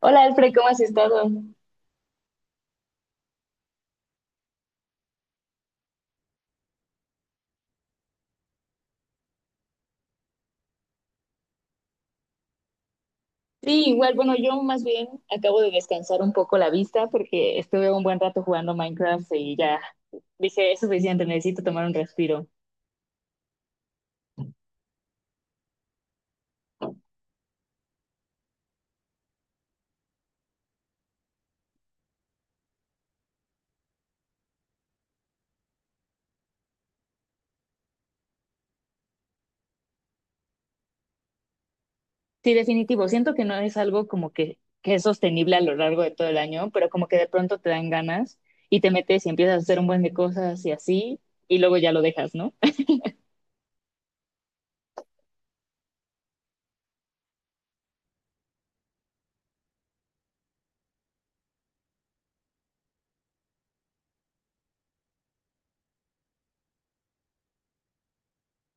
Hola Alfred, ¿cómo has estado? Sí, igual, bueno, yo más bien acabo de descansar un poco la vista porque estuve un buen rato jugando Minecraft y ya dije, es suficiente, necesito tomar un respiro. Sí, definitivo, siento que no es algo como que, es sostenible a lo largo de todo el año, pero como que de pronto te dan ganas y te metes y empiezas a hacer un buen de cosas y así, y luego ya lo dejas, ¿no?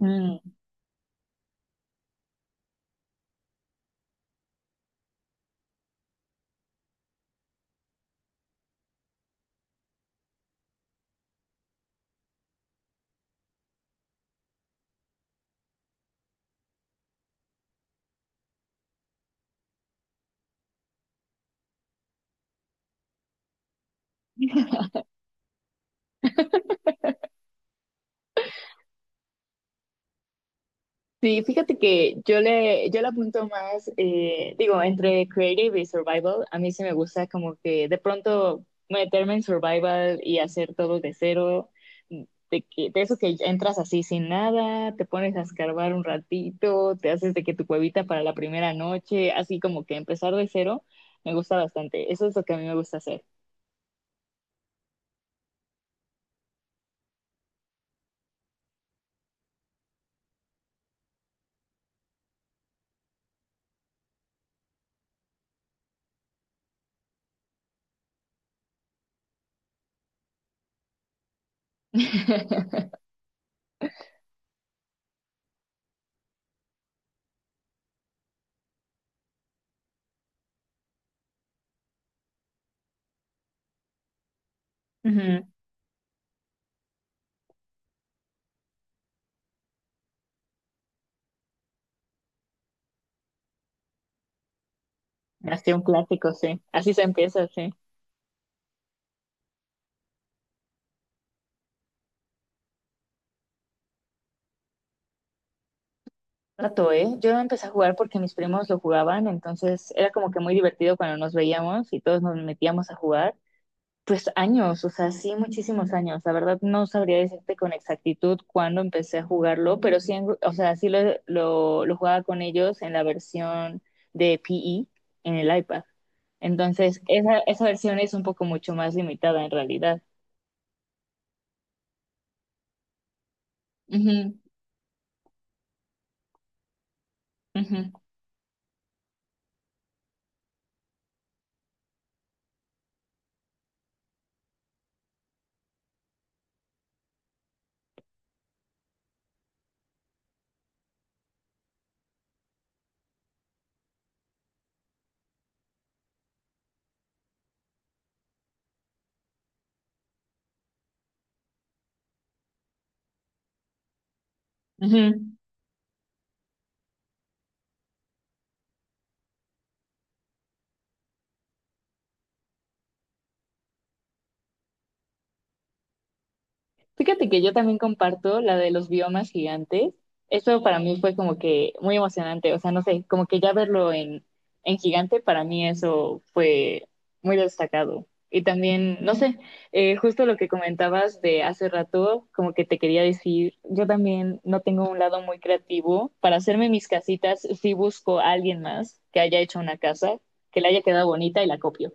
Sí, fíjate que yo le apunto más, digo, entre creative y survival, a mí sí me gusta como que de pronto meterme en survival y hacer todo de cero, de eso que entras así sin nada, te pones a escarbar un ratito, te haces de que tu cuevita para la primera noche, así como que empezar de cero, me gusta bastante. Eso es lo que a mí me gusta hacer. Ujú. Así un clásico, sí. Así se empieza, sí. Rato, ¿eh? Yo no empecé a jugar porque mis primos lo jugaban, entonces era como que muy divertido cuando nos veíamos y todos nos metíamos a jugar. Pues años, o sea, sí, muchísimos años. La verdad no sabría decirte con exactitud cuándo empecé a jugarlo, pero sí, o sea, sí lo jugaba con ellos en la versión de PE en el iPad. Entonces, esa versión es un poco mucho más limitada en realidad. Ujú, ujú, Ujú. Fíjate que yo también comparto la de los biomas gigantes. Eso para mí fue como que muy emocionante. O sea, no sé, como que ya en gigante, para mí eso fue muy destacado. Y también, no sé, justo lo que comentabas de hace rato, como que te quería decir, yo también no tengo un lado muy creativo. Para hacerme mis casitas, sí busco a alguien más que haya hecho una casa, que le haya quedado bonita y la copio.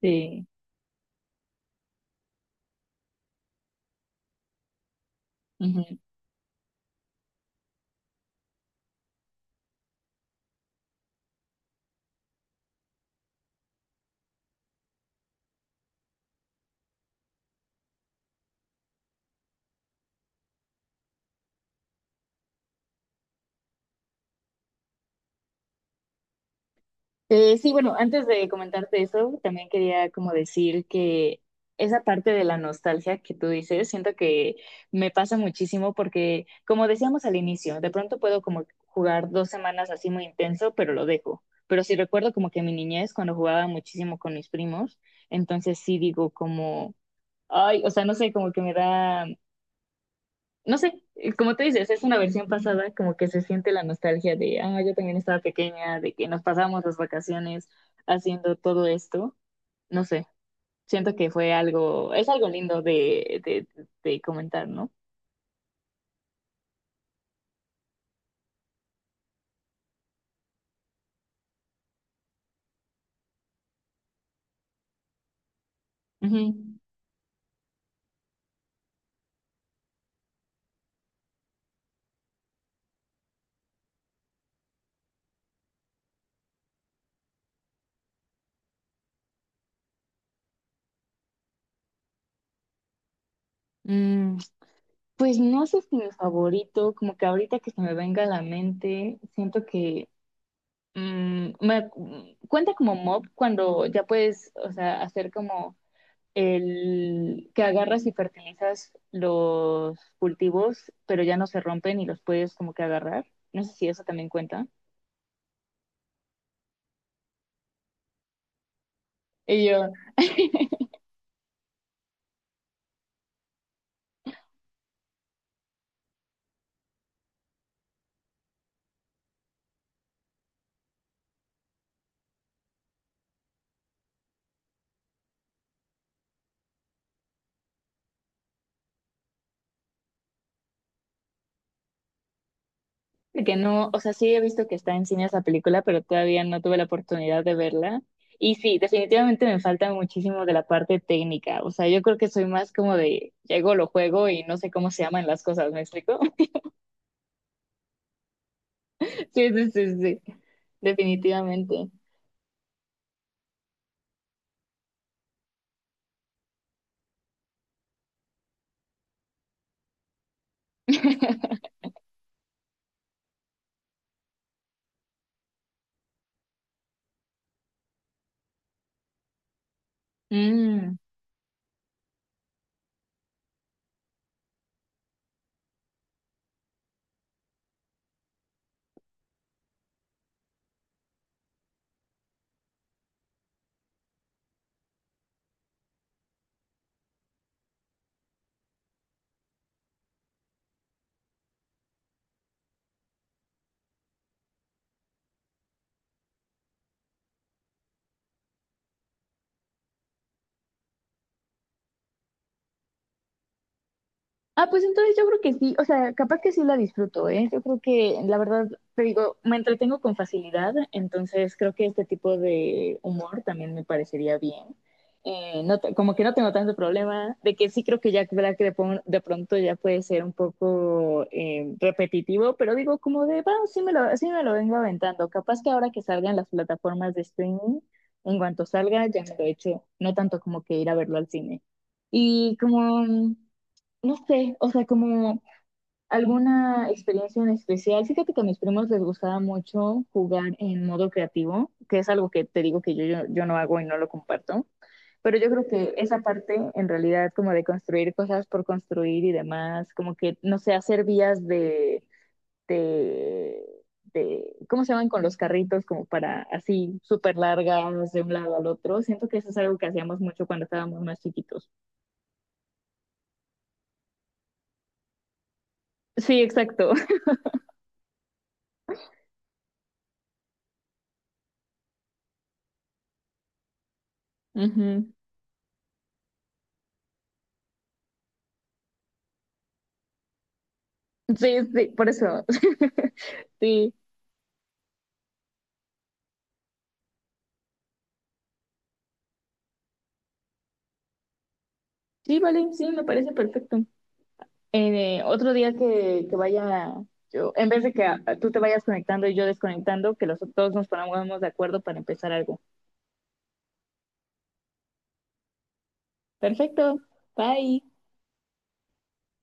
Sí. Sí, bueno, antes de comentarte eso, también quería como decir que esa parte de la nostalgia que tú dices, siento que me pasa muchísimo porque, como decíamos al inicio, de pronto puedo como jugar dos semanas así muy intenso, pero lo dejo. Pero sí recuerdo como que mi niñez, cuando jugaba muchísimo con mis primos, entonces sí digo como, ay, o sea, no sé, como que me da no sé, como tú dices, es una versión pasada, como que se siente la nostalgia de, ah, yo también estaba pequeña, de que nos pasamos las vacaciones haciendo todo esto. No sé, siento que es algo lindo de comentar, ¿no? Ujú. Mm, pues no sé si mi favorito, como que ahorita que se me venga a la mente, siento que mm, me, cuenta como mob cuando ya puedes, o sea, hacer como el que agarras y fertilizas los cultivos, pero ya no se rompen y los puedes como que agarrar. No sé si eso también cuenta. Y yo. Que no, o sea, sí he visto que está en cine esa película, pero todavía no tuve la oportunidad de verla. Y sí, definitivamente me falta muchísimo de la parte técnica. O sea, yo creo que soy más como de, llego, lo juego y no sé cómo se llaman las cosas, ¿me explico? Sí, sí, sí, sí, definitivamente. Mm. Ah, pues entonces yo creo que sí, o sea, capaz que sí la disfruto, ¿eh? Yo creo que, la verdad, te digo, me entretengo con facilidad, entonces creo que este tipo de humor también me parecería bien. Como que no tengo tanto problema, de que sí creo que Jack Black de, pon- de pronto ya puede ser un poco repetitivo, pero digo, como de, va, sí me lo vengo aventando. Capaz que ahora que salgan las plataformas de streaming, en cuanto salga, ya me lo he hecho, no tanto como que ir a verlo al cine. Y como no sé, o sea, como alguna experiencia en especial. Fíjate que a mis primos les gustaba mucho jugar en modo creativo, que es algo que te digo que yo no hago y no lo comparto. Pero yo creo que esa parte, en realidad, como de construir cosas por construir y demás, como que, no sé, hacer vías de, de ¿cómo se llaman? Con los carritos, como para así, súper largas de un lado al otro. Siento que eso es algo que hacíamos mucho cuando estábamos más chiquitos. Sí, exacto. Ujú. Sí, sí, por eso. Sí, sí, vale, sí, me parece perfecto. Otro día que vaya, yo, en vez de que ah, tú te vayas conectando y yo desconectando, que los dos nos pongamos de acuerdo para empezar algo. Perfecto, bye.